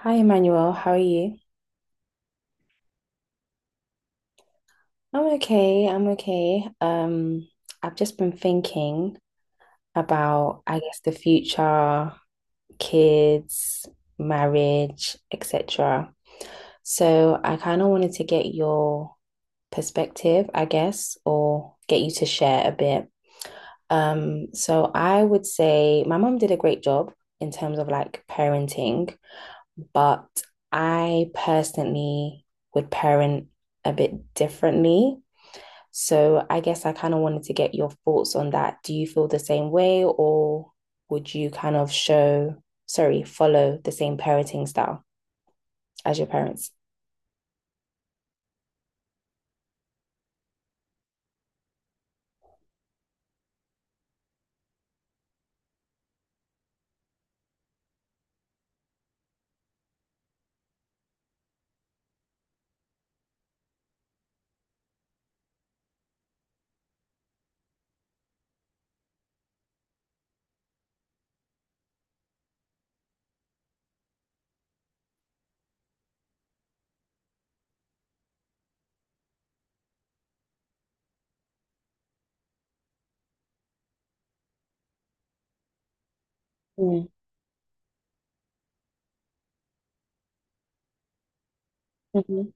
Hi, Emmanuel. How are you? I'm okay. I've just been thinking about, I guess, the future, kids, marriage, etc. So I kind of wanted to get your perspective, I guess, or get you to share a bit. So I would say my mom did a great job in terms of like parenting, but I personally would parent a bit differently. So I guess I kind of wanted to get your thoughts on that. Do you feel the same way, or would you follow the same parenting style as your parents? Mm, mhm,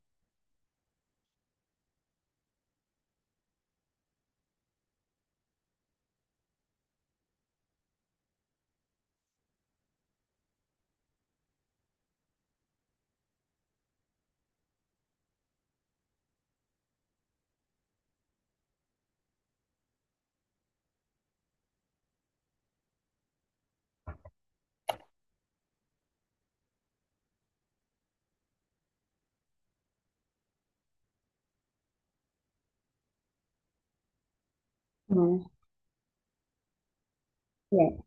mm, yeah.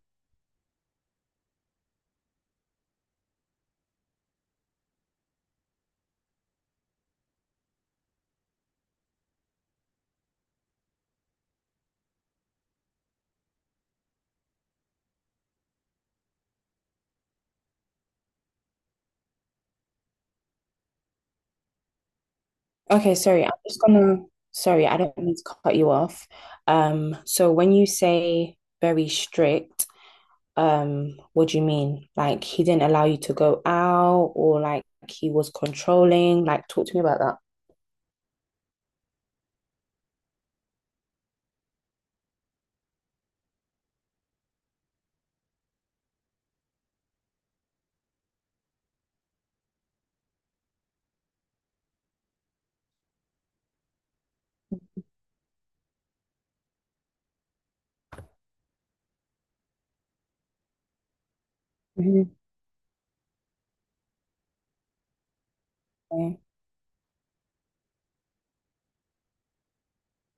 Okay, sorry. I don't mean to cut you off. So when you say very strict, what do you mean? Like he didn't allow you to go out, or like he was controlling? Like talk to me about that. Mm-hmm.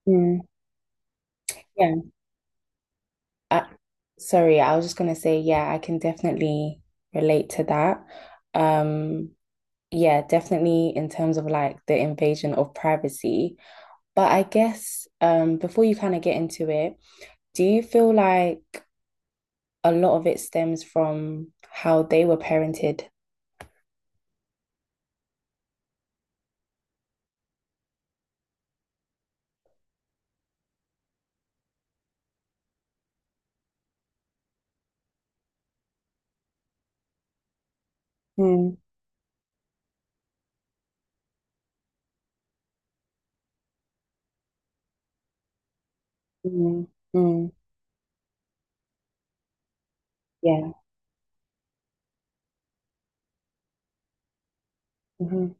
Mm, yeah. Uh, Sorry, I was just gonna say, yeah, I can definitely relate to that. Um, yeah, definitely in terms of like the invasion of privacy. But I guess before you kind of get into it, do you feel like a lot of it stems from how they were parented? Mm, mm, mm. Yeah. Mm-hmm.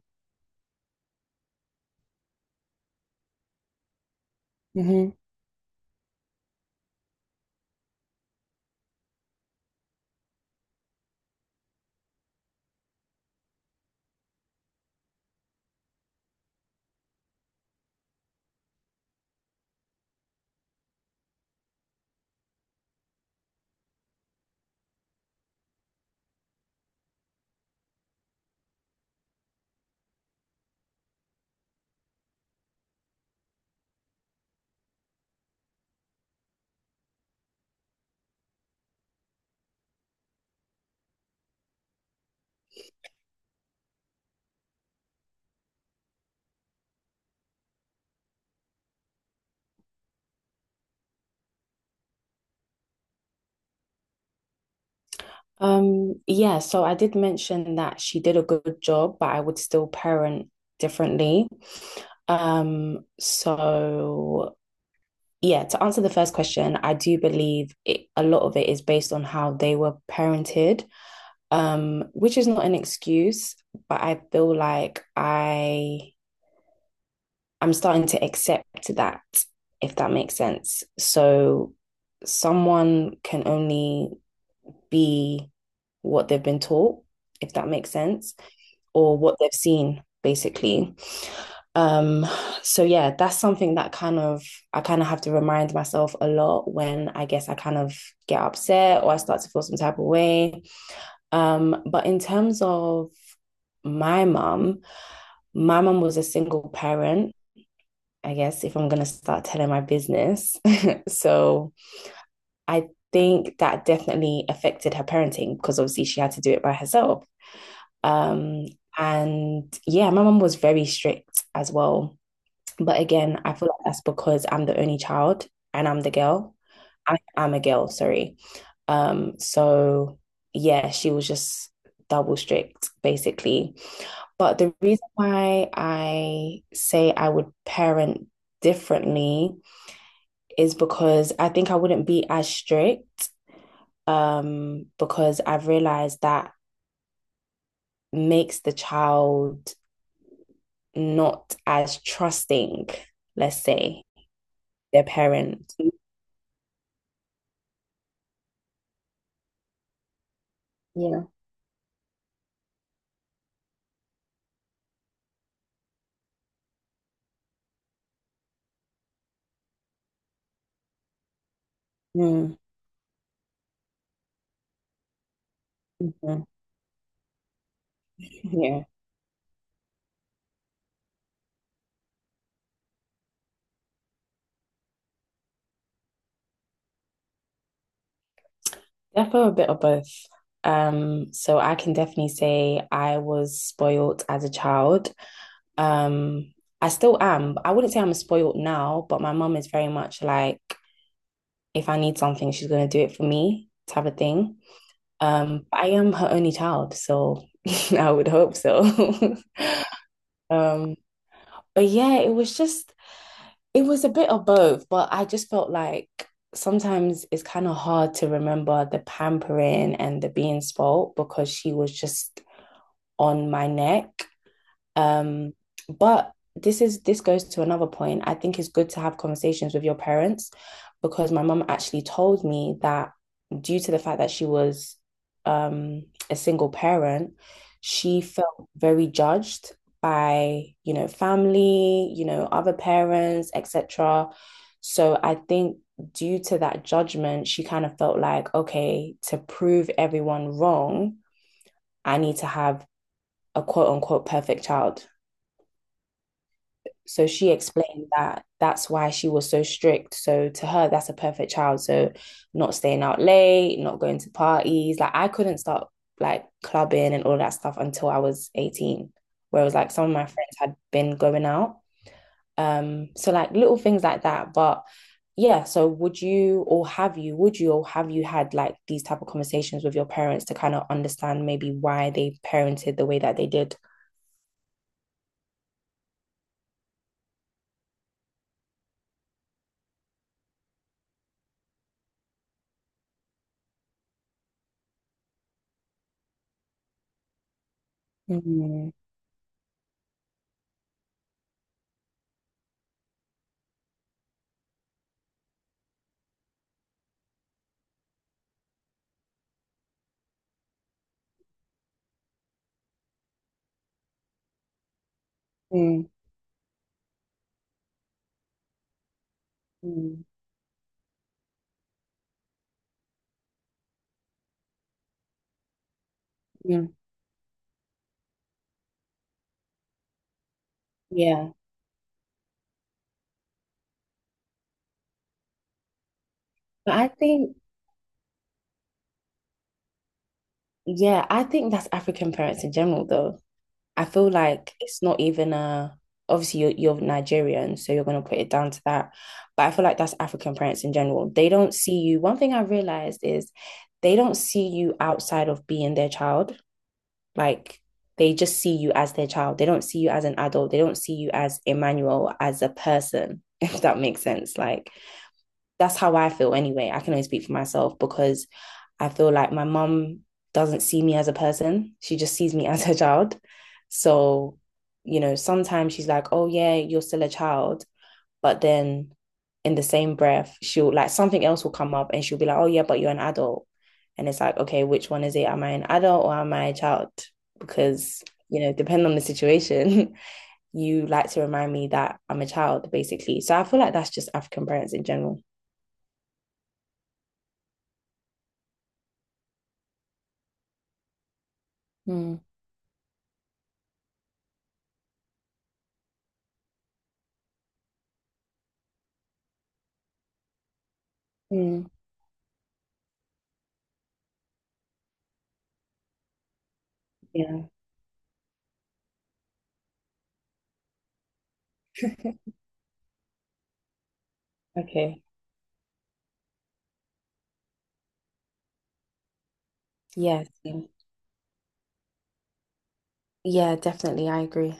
Yeah, so I did mention that she did a good job, but I would still parent differently. So yeah, to answer the first question, I do believe it, a lot of it is based on how they were parented, which is not an excuse, but I feel like I'm starting to accept that, if that makes sense. So someone can only be what they've been taught, if that makes sense, or what they've seen, basically. Um, so yeah, that's something that I kind of have to remind myself a lot when I guess I kind of get upset or I start to feel some type of way. But in terms of my mum, my mum was a single parent, I guess, if I'm gonna start telling my business. So I think that definitely affected her parenting because obviously she had to do it by herself. Um, and yeah, my mum was very strict as well. But again, I feel like that's because I'm the only child and I'm the girl. I'm a girl, sorry. So yeah, she was just double strict basically. But the reason why I say I would parent differently is because I think I wouldn't be as strict, because I've realized that makes the child not as trusting, let's say, their parents. Yeah. Mm, mm, yeah. Definitely a bit of both. So I can definitely say I was spoiled as a child. Um, I still am. I wouldn't say I'm spoiled now, but my mum is very much like, if I need something, she's gonna do it for me type of thing. I am her only child, so I would hope so. Um, but yeah, it was a bit of both, but I just felt like sometimes it's kind of hard to remember the pampering and the being spoilt because she was just on my neck, um, but this goes to another point. I think it's good to have conversations with your parents because my mum actually told me that due to the fact that she was, a single parent, she felt very judged by, you know, family, you know, other parents, etc. So I think due to that judgment, she kind of felt like, okay, to prove everyone wrong, I need to have a quote unquote perfect child. So she explained that that's why she was so strict. So to her, that's a perfect child. So not staying out late, not going to parties. Like I couldn't start like clubbing and all that stuff until I was 18. Whereas like some of my friends had been going out. So like little things like that. But yeah, so would you or have you had like these type of conversations with your parents to kind of understand maybe why they parented the way that they did? Mm, mm, mm, mm, yeah. But I think, yeah, I think that's African parents in general, though. I feel like it's not even a obviously you're Nigerian, so you're gonna put it down to that. But I feel like that's African parents in general. They don't see you. One thing I realized is they don't see you outside of being their child. Like they just see you as their child. They don't see you as an adult. They don't see you as Emmanuel, as a person, if that makes sense. Like that's how I feel anyway. I can only speak for myself because I feel like my mum doesn't see me as a person. She just sees me as her child. So, you know, sometimes she's like, oh, yeah, you're still a child. But then in the same breath, she'll like something else will come up and she'll be like, oh, yeah, but you're an adult. And it's like, okay, which one is it? Am I an adult or am I a child? Because, you know, depending on the situation, you like to remind me that I'm a child, basically. So I feel like that's just African parents in general. Mm. Mm. Yeah. Okay. Yeah, same. Yeah, definitely. I agree.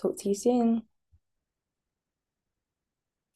Talk to you soon.